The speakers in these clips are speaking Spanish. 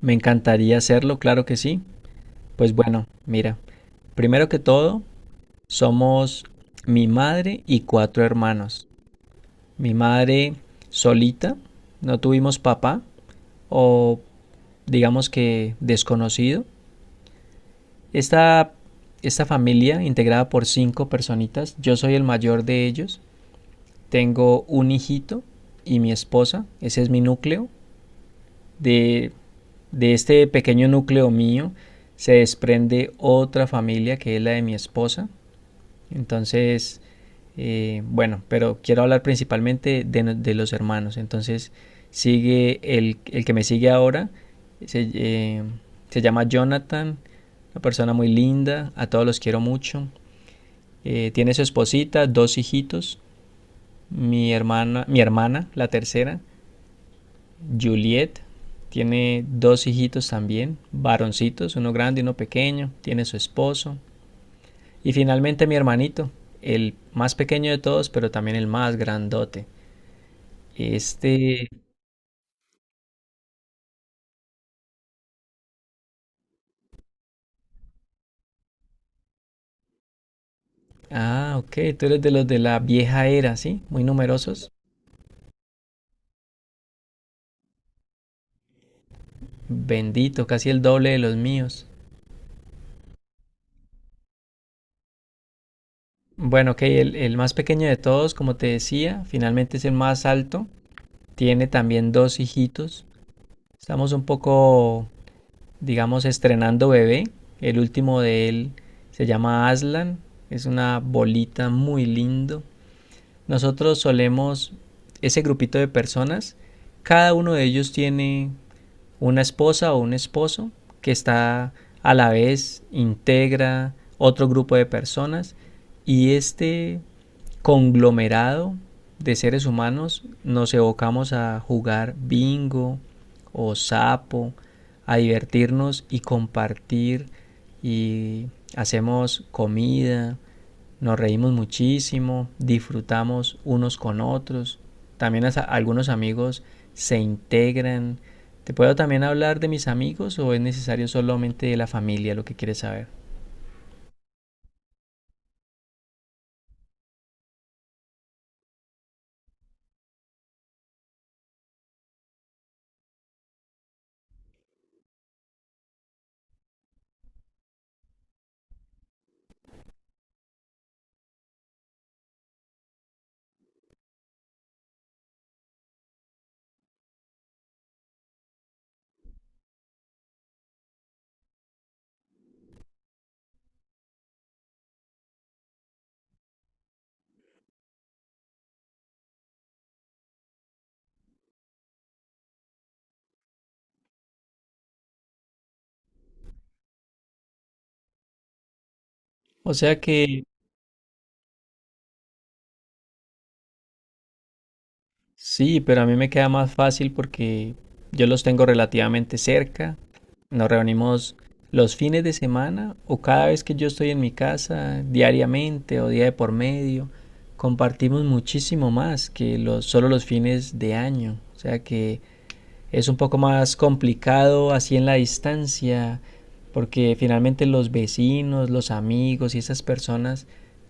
Me encantaría hacerlo, claro que sí. Pues bueno, mira, primero que todo, somos mi madre y cuatro hermanos. Mi madre solita, no tuvimos papá o digamos que desconocido. Esta, esta familia integrada por cinco personitas, yo soy el mayor de ellos, tengo un hijito y mi esposa, ese es mi núcleo. De, de este pequeño núcleo mío se desprende otra familia que es la de mi esposa. Entonces, bueno, pero quiero hablar principalmente de, no- de los hermanos. Entonces, sigue el que me sigue ahora, se, eh, se llama Jonathan, una persona muy linda, a todos los quiero mucho. Tiene su esposita, dos hijitos, mi hermana, la tercera, Juliet tiene dos hijitos también, varoncitos, uno grande y uno pequeño, tiene su esposo. Y finalmente mi hermanito, el más pequeño de todos, pero también el más grandote. Este... Ah, ok, tú eres de los de la vieja era, ¿sí? Muy numerosos. Bendito, casi el doble de los míos. Bueno, ok, el más pequeño de todos, como te decía, finalmente es el más alto. Tiene también dos hijitos. Estamos un poco digamos, estrenando bebé. El último de él se llama Aslan. Es una bolita muy lindo. Nosotros solemos, ese grupito de personas, cada uno de ellos tiene una esposa o un esposo que está a la vez, integra otro grupo de personas y este conglomerado de seres humanos nos evocamos a jugar bingo o sapo, a divertirnos y compartir y hacemos comida, nos reímos muchísimo, disfrutamos unos con otros. También algunos amigos se integran. ¿Te puedo también hablar de mis amigos o es necesario solamente de la familia lo que quieres saber? O sea que. Sí, pero a mí me queda más fácil porque yo los tengo relativamente cerca. Nos reunimos los fines de semana o cada vez que yo estoy en mi casa, diariamente o día de por medio. Compartimos muchísimo más que solo los fines de año. O sea que es un poco más complicado así en la distancia, porque finalmente los vecinos, los amigos y esas personas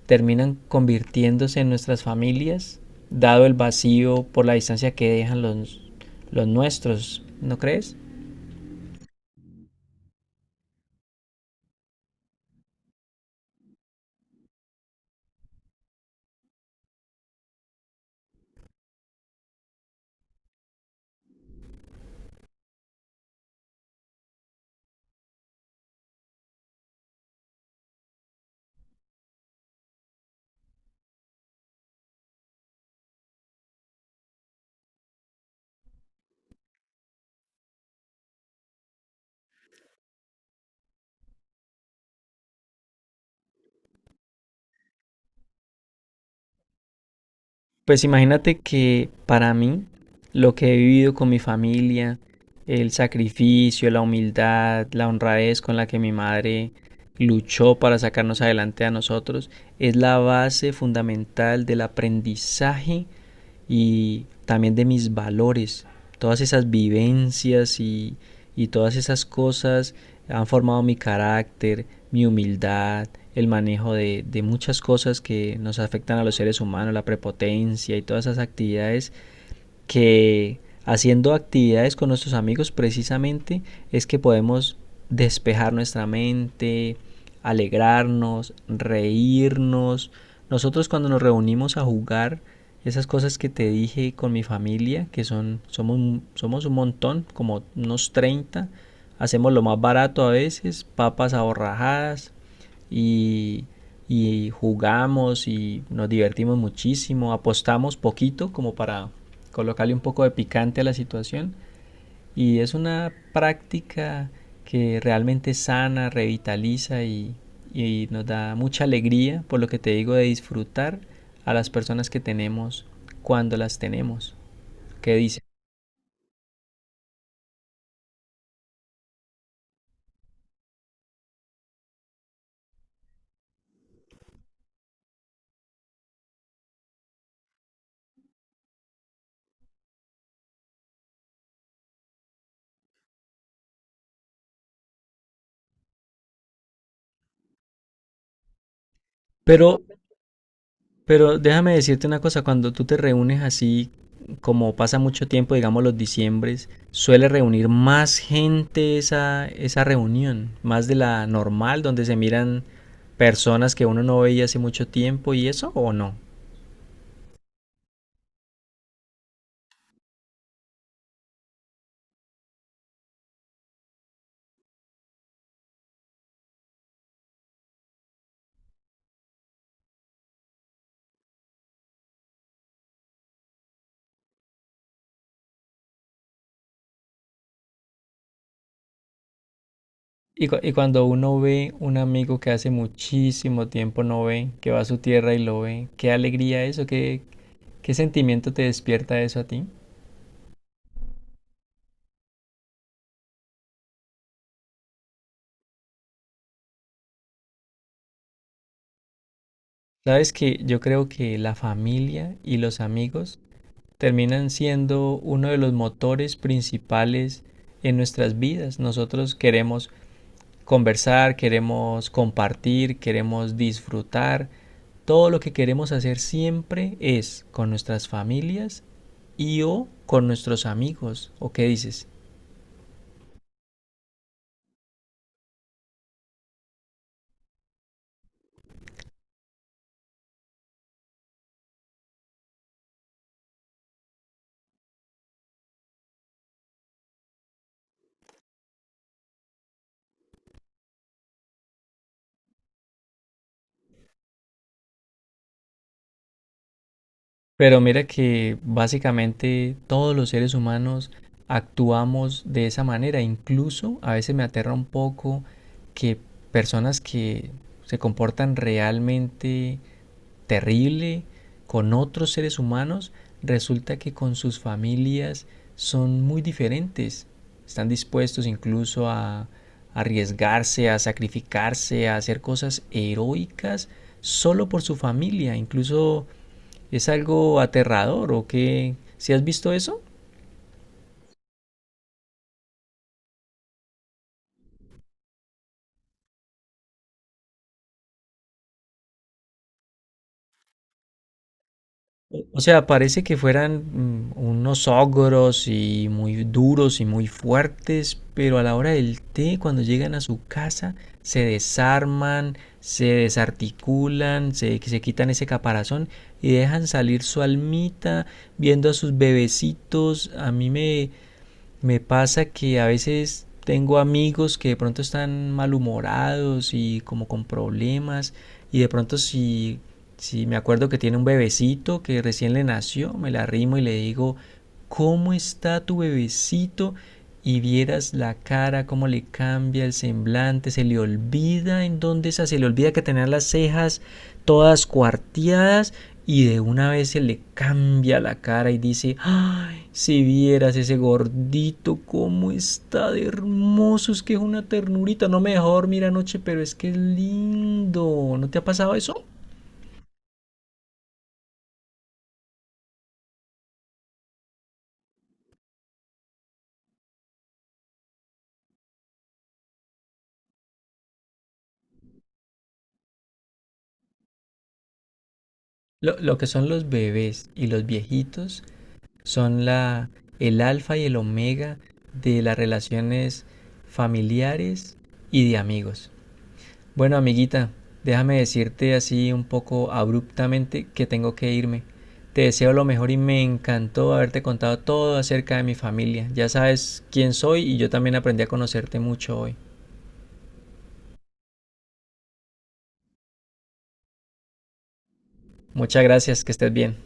terminan convirtiéndose en nuestras familias, dado el vacío por la distancia que dejan los nuestros, ¿no crees? Pues imagínate que para mí lo que he vivido con mi familia, el sacrificio, la humildad, la honradez con la que mi madre luchó para sacarnos adelante a nosotros, es la base fundamental del aprendizaje y también de mis valores. Todas esas vivencias y todas esas cosas han formado mi carácter, mi humildad, el manejo de muchas cosas que nos afectan a los seres humanos, la prepotencia y todas esas actividades que haciendo actividades con nuestros amigos precisamente es que podemos despejar nuestra mente, alegrarnos, reírnos. Nosotros cuando nos reunimos a jugar esas cosas que te dije con mi familia, que son somos un montón, como unos 30, hacemos lo más barato a veces, papas aborrajadas, y, y jugamos y nos divertimos muchísimo, apostamos poquito como para colocarle un poco de picante a la situación y es una práctica que realmente sana, revitaliza y nos da mucha alegría por lo que te digo de disfrutar a las personas que tenemos cuando las tenemos. ¿Qué dice? Pero Pero déjame decirte una cosa, cuando tú te reúnes así, como pasa mucho tiempo, digamos los diciembres, suele reunir más gente esa reunión, más de la normal, donde se miran personas que uno no veía hace mucho tiempo y eso, ¿o no? Y cuando uno ve un amigo que hace muchísimo tiempo no ve, que va a su tierra y lo ve, qué alegría eso, qué sentimiento te despierta eso a ti. Sabes que yo creo que la familia y los amigos terminan siendo uno de los motores principales en nuestras vidas. Nosotros queremos conversar, queremos compartir, queremos disfrutar. Todo lo que queremos hacer siempre es con nuestras familias y o con nuestros amigos. ¿O qué dices? Pero mira que básicamente todos los seres humanos actuamos de esa manera. Incluso a veces me aterra un poco que personas que se comportan realmente terrible con otros seres humanos, resulta que con sus familias son muy diferentes. Están dispuestos incluso a arriesgarse, a sacrificarse, a hacer cosas heroicas solo por su familia. Incluso. ¿Es algo aterrador o qué? ¿Si has visto eso? O sea, parece que fueran unos ogros y muy duros y muy fuertes, pero a la hora del té, cuando llegan a su casa, se desarman, se desarticulan, se quitan ese caparazón y dejan salir su almita viendo a sus bebecitos. Me pasa que a veces tengo amigos que de pronto están malhumorados y como con problemas y de pronto si me acuerdo que tiene un bebecito que recién le nació, me la arrimo y le digo, ¿cómo está tu bebecito? Y vieras la cara, cómo le cambia el semblante, se le olvida en dónde está, se le olvida que tenía las cejas todas cuarteadas y de una vez se le cambia la cara y dice, ay, si vieras ese gordito, cómo está de hermoso, es que es una ternurita, no me dejó dormir anoche, pero es que es lindo, ¿no te ha pasado eso? Lo que son los bebés y los viejitos son el alfa y el omega de las relaciones familiares y de amigos. Bueno, amiguita, déjame decirte así un poco abruptamente que tengo que irme. Te deseo lo mejor y me encantó haberte contado todo acerca de mi familia. Ya sabes quién soy y yo también aprendí a conocerte mucho hoy. Muchas gracias, que estés bien.